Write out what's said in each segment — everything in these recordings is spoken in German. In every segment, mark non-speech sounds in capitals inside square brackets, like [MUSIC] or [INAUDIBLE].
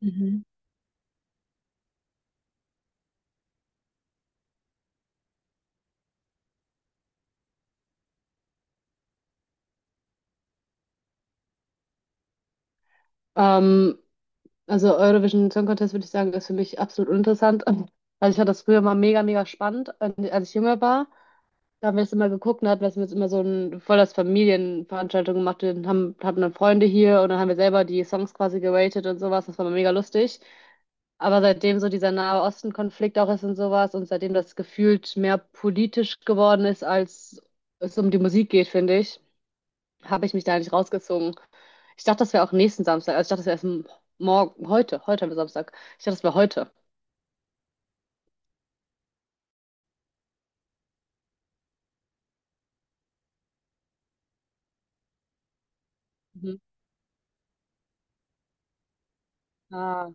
Mhm. Ähm, also Eurovision Song Contest würde ich sagen, ist für mich absolut uninteressant. [LAUGHS] Also ich fand das früher mal mega, mega spannend, als ich jünger war. Da haben wir das immer geguckt und hatten wir jetzt immer so ein voll das Familienveranstaltung gemacht. Hatten dann Freunde hier und dann haben wir selber die Songs quasi geratet und sowas. Das war mal mega lustig. Aber seitdem so dieser Nahe Osten-Konflikt auch ist und sowas und seitdem das gefühlt mehr politisch geworden ist, als es um die Musik geht, finde ich, habe ich mich da nicht rausgezogen. Ich dachte, das wäre auch nächsten Samstag. Also ich dachte, das wäre erst morgen, heute am Samstag. Ich dachte, das wäre heute. Mhm. Ah,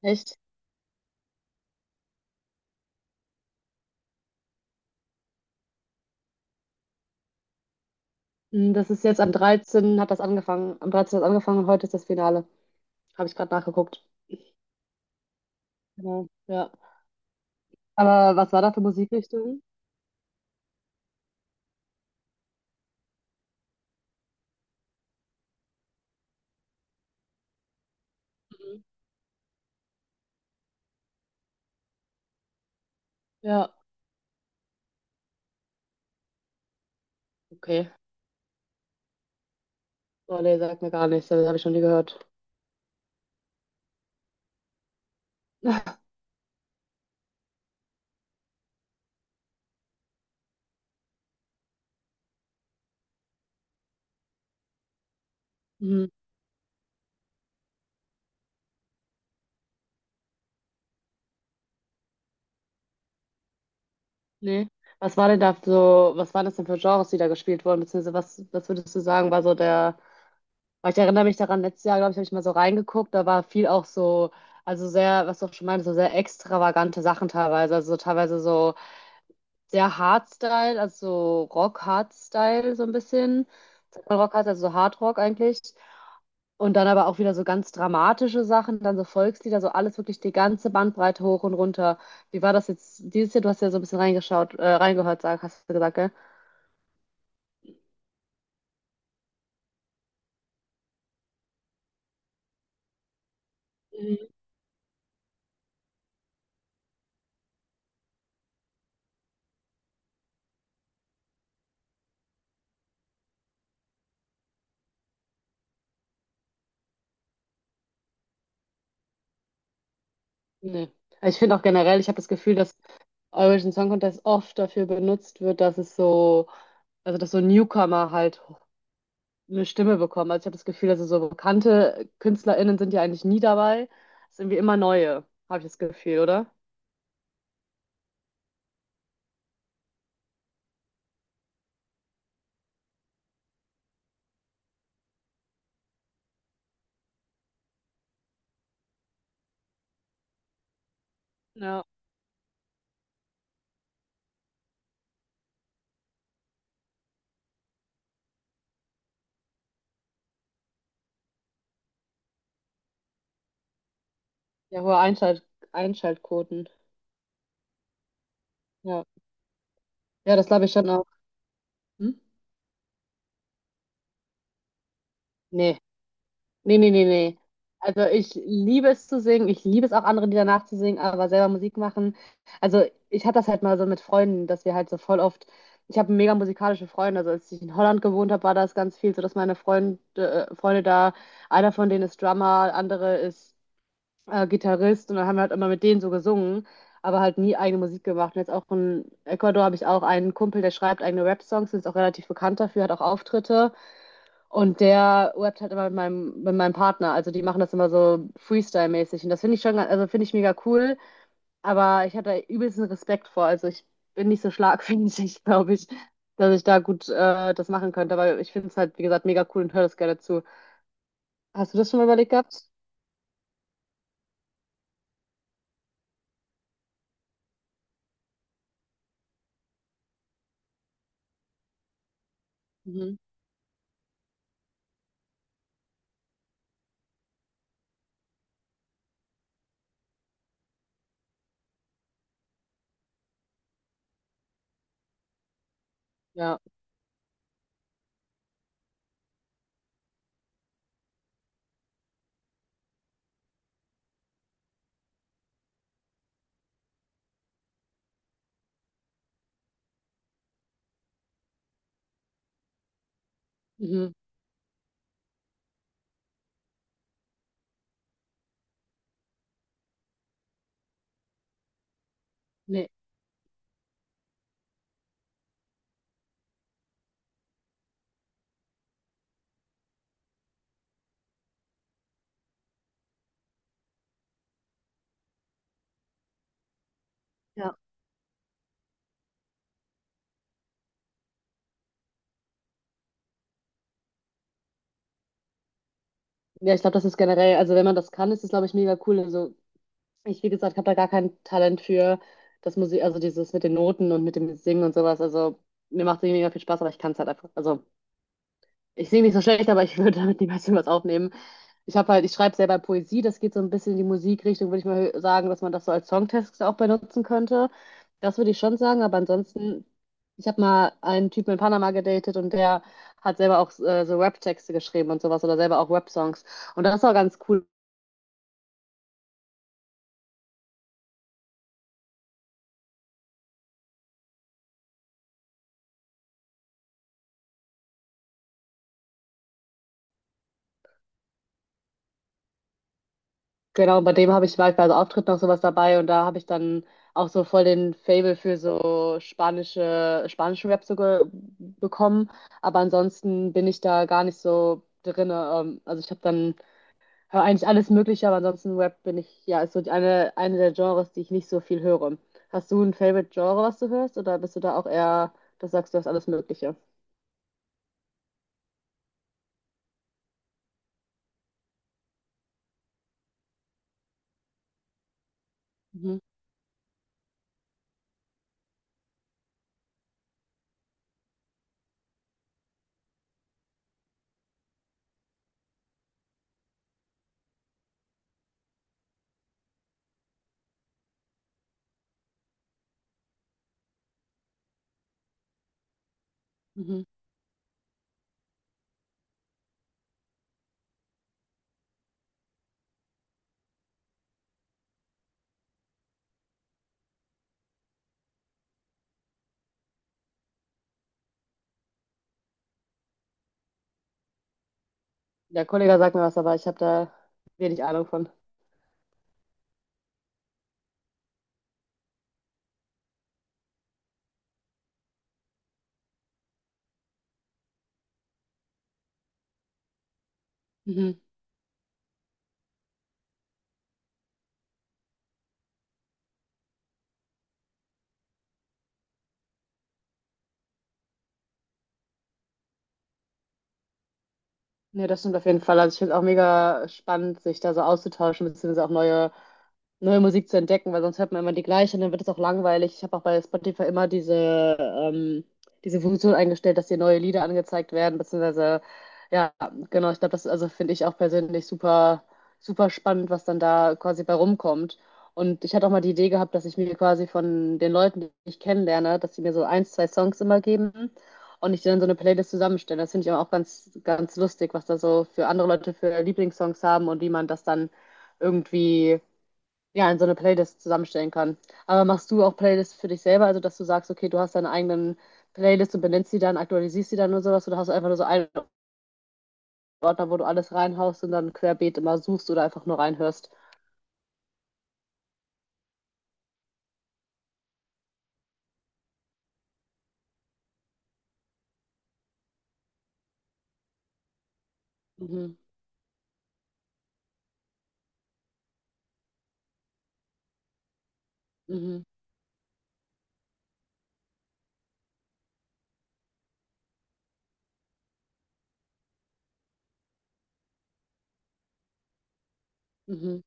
echt? Hm. Das ist jetzt am 13. hat das angefangen. Am 13. hat das angefangen und heute ist das Finale. Habe ich gerade nachgeguckt. Genau, ja. Aber was war da für Musikrichtung? Mhm. Ja, okay. Oh, nee, sagt mir gar nichts. Das habe ich schon nie gehört. [LAUGHS] Mhm. Nee. Was war denn da so, was waren das denn für Genres, die da gespielt wurden? Beziehungsweise was würdest du sagen, war so der… Aber ich erinnere mich daran, letztes Jahr, glaube ich, habe ich mal so reingeguckt, da war viel auch so, also sehr, was du auch schon meintest, so sehr extravagante Sachen teilweise. Also teilweise so sehr Hardstyle, also so Rock-Hardstyle so ein bisschen. Sagt man Rock-Hardstyle, also so Hardrock eigentlich. Und dann aber auch wieder so ganz dramatische Sachen, dann so Volkslieder, so alles wirklich die ganze Bandbreite hoch und runter. Wie war das jetzt dieses Jahr? Du hast ja so ein bisschen reingeschaut, reingehört, hast du gesagt, gell? Mhm. Nee. Ich finde auch generell, ich habe das Gefühl, dass Eurovision Song Contest oft dafür benutzt wird, dass es so, also dass so Newcomer halt eine Stimme bekommen. Also ich habe das Gefühl, also so bekannte KünstlerInnen sind ja eigentlich nie dabei. Es sind irgendwie immer neue, habe ich das Gefühl, oder? Ja. Ja, hohe Einschaltquoten. Ja. Ja, das glaube ich schon auch. Hm? Nee. Nee, nee, nee, nee. Also ich liebe es zu singen, ich liebe es auch andere Lieder nachzusingen, aber selber Musik machen. Also ich hatte das halt mal so mit Freunden, dass wir halt so voll oft, ich habe mega musikalische Freunde, also als ich in Holland gewohnt habe, war das ganz viel so, dass meine Freunde, Freunde da, einer von denen ist Drummer, andere ist Gitarrist und dann haben wir halt immer mit denen so gesungen, aber halt nie eigene Musik gemacht. Und jetzt auch in Ecuador habe ich auch einen Kumpel, der schreibt eigene Rap-Songs, ist auch relativ bekannt dafür, hat auch Auftritte. Und der rappt halt immer mit mit meinem Partner. Also die machen das immer so Freestyle-mäßig. Und das finde ich schon, also finde ich mega cool. Aber ich habe da übelsten Respekt vor. Also ich bin nicht so schlagfertig, [LAUGHS] glaube ich, dass ich da gut das machen könnte. Aber ich finde es halt, wie gesagt, mega cool und höre das gerne zu. Hast du das schon mal überlegt gehabt? Mhm. Ja. Mhm. Nee. Ja. Ja, ich glaube, das ist generell, also wenn man das kann, ist das, glaube ich, mega cool. Also ich, wie gesagt, habe da gar kein Talent für das Musik, also dieses mit den Noten und mit dem Singen und sowas. Also mir macht es mega viel Spaß, aber ich kann es halt einfach. Also ich singe nicht so schlecht, aber ich [LAUGHS] würde damit niemals was aufnehmen. Ich schreibe selber Poesie, das geht so ein bisschen in die Musikrichtung, würde ich sagen, dass man das so als Songtext auch benutzen könnte. Das würde ich schon sagen, aber ansonsten, ich habe mal einen Typen in Panama gedatet und der hat selber auch so Rap-Texte geschrieben und sowas oder selber auch Rap-Songs. Und das war ganz cool. Genau, und bei dem habe ich war ich bei so Auftritten noch sowas dabei und da habe ich dann auch so voll den Faible für so spanischen Rap so ge bekommen. Aber ansonsten bin ich da gar nicht so drinne. Also ich habe dann höre eigentlich alles Mögliche, aber ansonsten Rap bin ich, ja, ist so eine der Genres, die ich nicht so viel höre. Hast du ein Favorite Genre, was du hörst, oder bist du da auch eher, das sagst du, hast alles Mögliche? Mhm. Mhm. Der Kollege sagt mir was, aber ich habe da wenig Ahnung von. Nee, das stimmt auf jeden Fall. Also ich finde es auch mega spannend, sich da so auszutauschen, beziehungsweise auch neue Musik zu entdecken, weil sonst hört man immer die gleiche und dann wird es auch langweilig. Ich habe auch bei Spotify immer diese Funktion eingestellt, dass dir neue Lieder angezeigt werden, beziehungsweise, ja, genau, ich glaube, das finde ich auch persönlich super spannend, was dann da quasi bei rumkommt. Und ich hatte auch mal die Idee gehabt, dass ich mir quasi von den Leuten, die ich kennenlerne, dass sie mir so ein, zwei Songs immer geben und ich dann so eine Playlist zusammenstelle. Das finde ich aber auch ganz, ganz lustig, was da so für andere Leute für Lieblingssongs haben und wie man das dann irgendwie ja, in so eine Playlist zusammenstellen kann. Aber machst du auch Playlists für dich selber, also dass du sagst, okay, du hast deine eigenen Playlists und benennst sie dann, aktualisierst sie dann und sowas oder hast du einfach nur so einen Ordner, wo du alles reinhaust und dann querbeet immer suchst oder einfach nur reinhörst? Mhm, mhm, mhm.